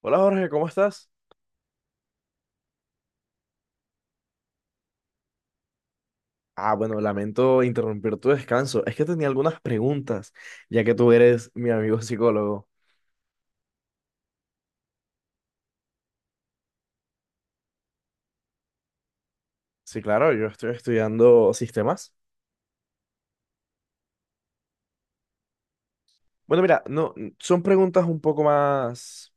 Hola Jorge, ¿cómo estás? Ah, bueno, lamento interrumpir tu descanso. Es que tenía algunas preguntas, ya que tú eres mi amigo psicólogo. Sí, claro, yo estoy estudiando sistemas. Bueno, mira, no, son preguntas un poco más,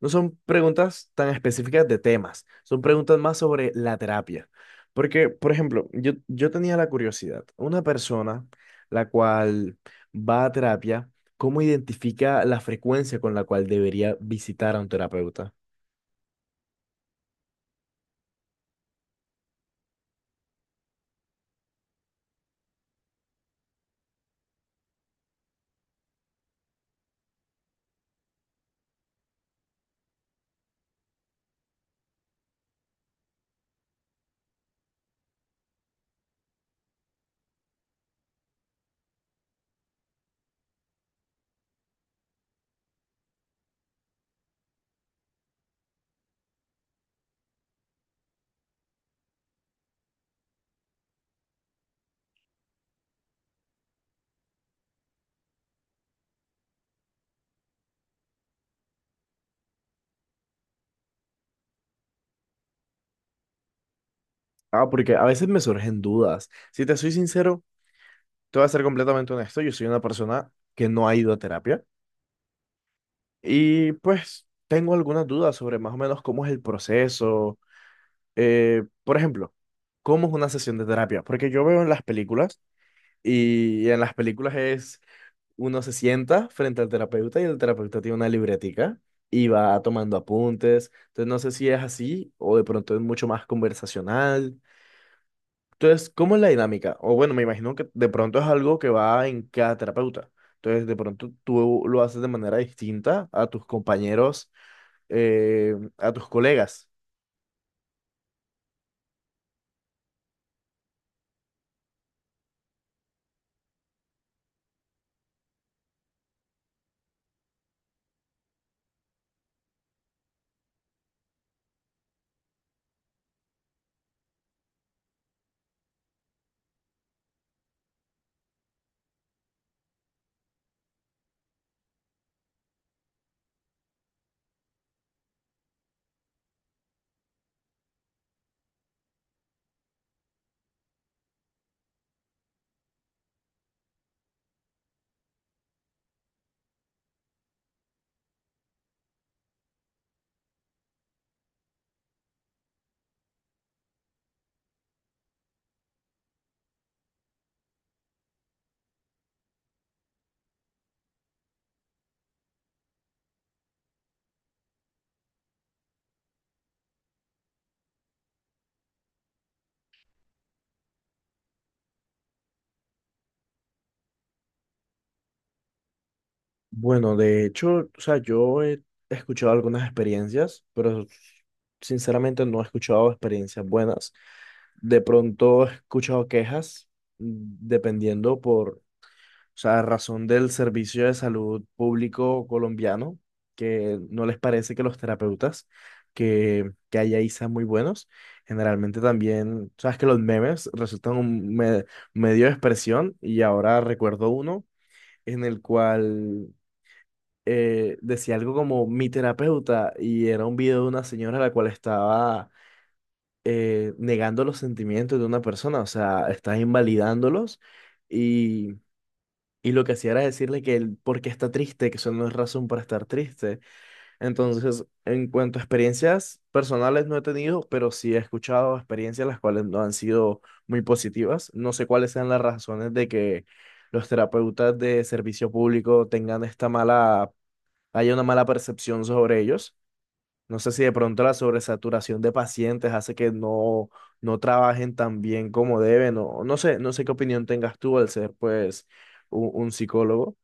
no son preguntas tan específicas de temas, son preguntas más sobre la terapia. Porque, por ejemplo, yo tenía la curiosidad, una persona la cual va a terapia, ¿cómo identifica la frecuencia con la cual debería visitar a un terapeuta? Ah, porque a veces me surgen dudas. Si te soy sincero, te voy a ser completamente honesto. Yo soy una persona que no ha ido a terapia y pues tengo algunas dudas sobre más o menos cómo es el proceso. Por ejemplo, ¿cómo es una sesión de terapia? Porque yo veo en las películas, y en las películas es uno se sienta frente al terapeuta y el terapeuta tiene una libretica y va tomando apuntes. Entonces no sé si es así o de pronto es mucho más conversacional. Entonces, ¿cómo es la dinámica? O bueno, me imagino que de pronto es algo que va en cada terapeuta. Entonces, de pronto tú lo haces de manera distinta a tus compañeros, a tus colegas. Bueno, de hecho, o sea, yo he escuchado algunas experiencias, pero sinceramente no he escuchado experiencias buenas. De pronto he escuchado quejas, mm, dependiendo por... O sea, a razón del servicio de salud público colombiano, que no les parece que los terapeutas que hay ahí sean muy buenos. Generalmente también, sabes que los memes resultan un medio de expresión, y ahora recuerdo uno en el cual decía algo como "mi terapeuta", y era un video de una señora a la cual estaba negando los sentimientos de una persona, o sea, estaba invalidándolos, y lo que hacía era decirle que él porque está triste, que eso no es razón para estar triste. Entonces, en cuanto a experiencias personales no he tenido, pero sí he escuchado experiencias las cuales no han sido muy positivas. No sé cuáles sean las razones de que los terapeutas de servicio público tengan esta mala, haya una mala percepción sobre ellos. No sé si de pronto la sobresaturación de pacientes hace que no, no trabajen tan bien como deben, o no sé, no sé qué opinión tengas tú al ser pues un psicólogo.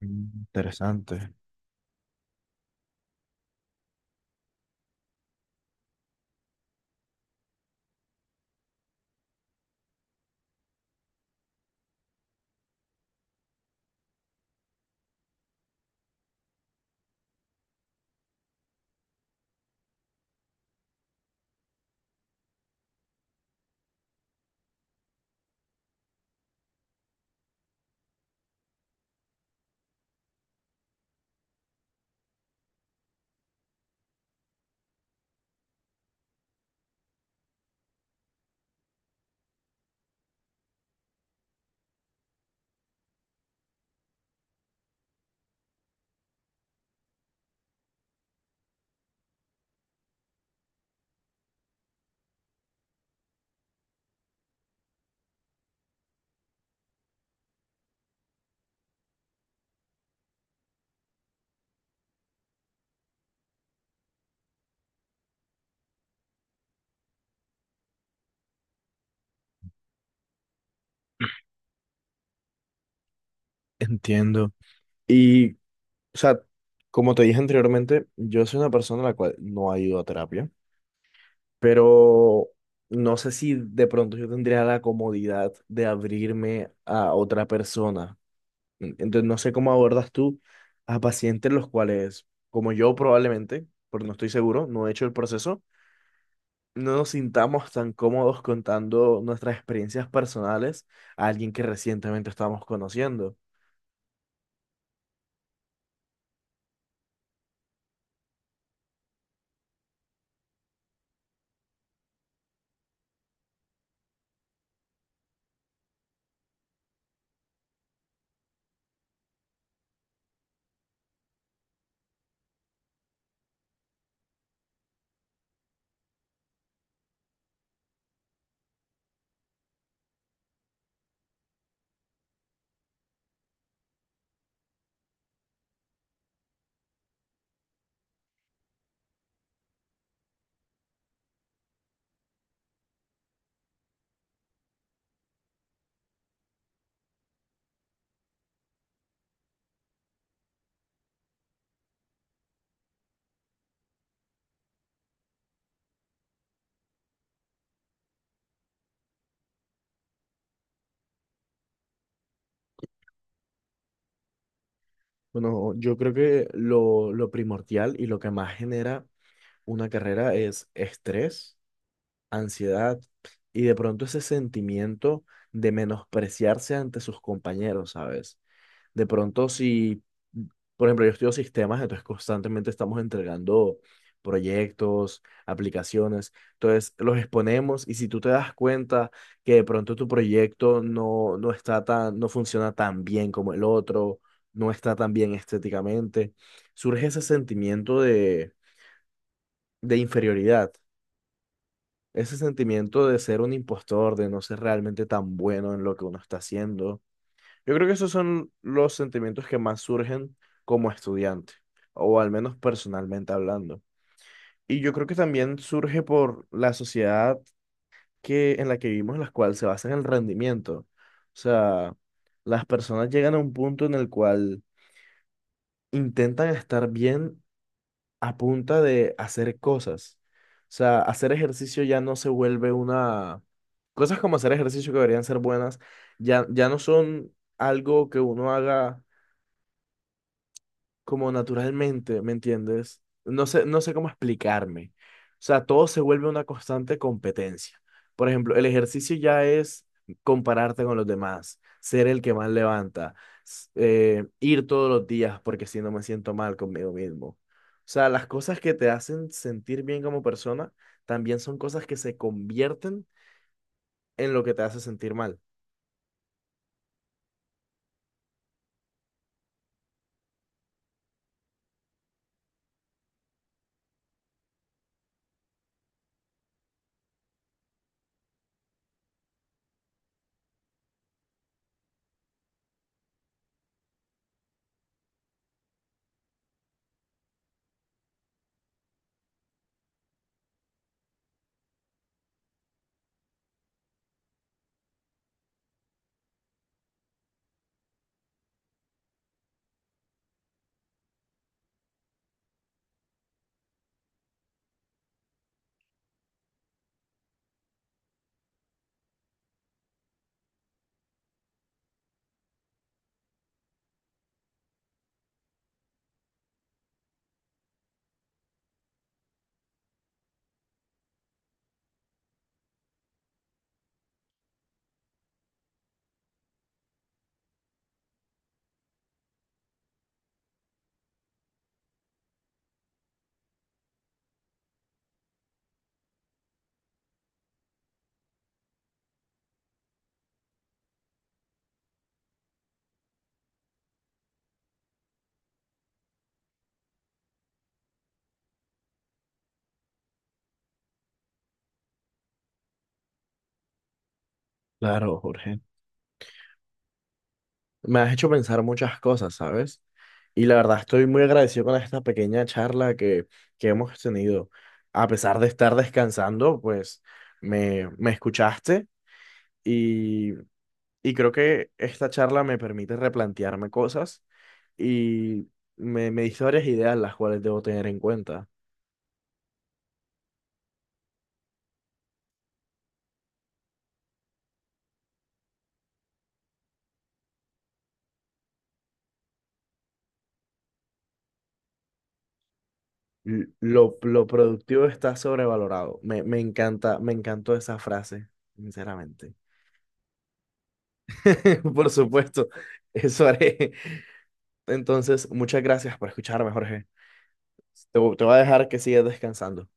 Mm, interesante, entiendo. Y, o sea, como te dije anteriormente, yo soy una persona la cual no ha ido a terapia, pero no sé si de pronto yo tendría la comodidad de abrirme a otra persona. Entonces, no sé cómo abordas tú a pacientes los cuales, como yo probablemente, porque no estoy seguro, no he hecho el proceso, no nos sintamos tan cómodos contando nuestras experiencias personales a alguien que recientemente estamos conociendo. Bueno, yo creo que lo primordial y lo que más genera una carrera es estrés, ansiedad y de pronto ese sentimiento de menospreciarse ante sus compañeros, ¿sabes? De pronto, si, por ejemplo, yo estudio sistemas, entonces constantemente estamos entregando proyectos, aplicaciones, entonces los exponemos y si tú te das cuenta que de pronto tu proyecto no, no está tan, no funciona tan bien como el otro, no está tan bien estéticamente, surge ese sentimiento de inferioridad, ese sentimiento de ser un impostor, de no ser realmente tan bueno en lo que uno está haciendo. Yo creo que esos son los sentimientos que más surgen como estudiante, o al menos personalmente hablando. Y yo creo que también surge por la sociedad que, en la que vivimos, en la cual se basa en el rendimiento. O sea, las personas llegan a un punto en el cual intentan estar bien a punta de hacer cosas. O sea, hacer ejercicio ya no se vuelve una... Cosas como hacer ejercicio que deberían ser buenas, ya, ya no son algo que uno haga como naturalmente, ¿me entiendes? No sé, no sé cómo explicarme. O sea, todo se vuelve una constante competencia. Por ejemplo, el ejercicio ya es compararte con los demás, ser el que más levanta, ir todos los días porque si no me siento mal conmigo mismo. O sea, las cosas que te hacen sentir bien como persona también son cosas que se convierten en lo que te hace sentir mal. Claro, Jorge. Me has hecho pensar muchas cosas, ¿sabes? Y la verdad estoy muy agradecido con esta pequeña charla que hemos tenido. A pesar de estar descansando, pues me escuchaste y, y creo que esta charla me permite replantearme cosas y me diste varias ideas las cuales debo tener en cuenta. Lo productivo está sobrevalorado. Me encanta, me encantó esa frase, sinceramente. Por supuesto, eso haré. Entonces, muchas gracias por escucharme, Jorge. Te voy a dejar que sigas descansando.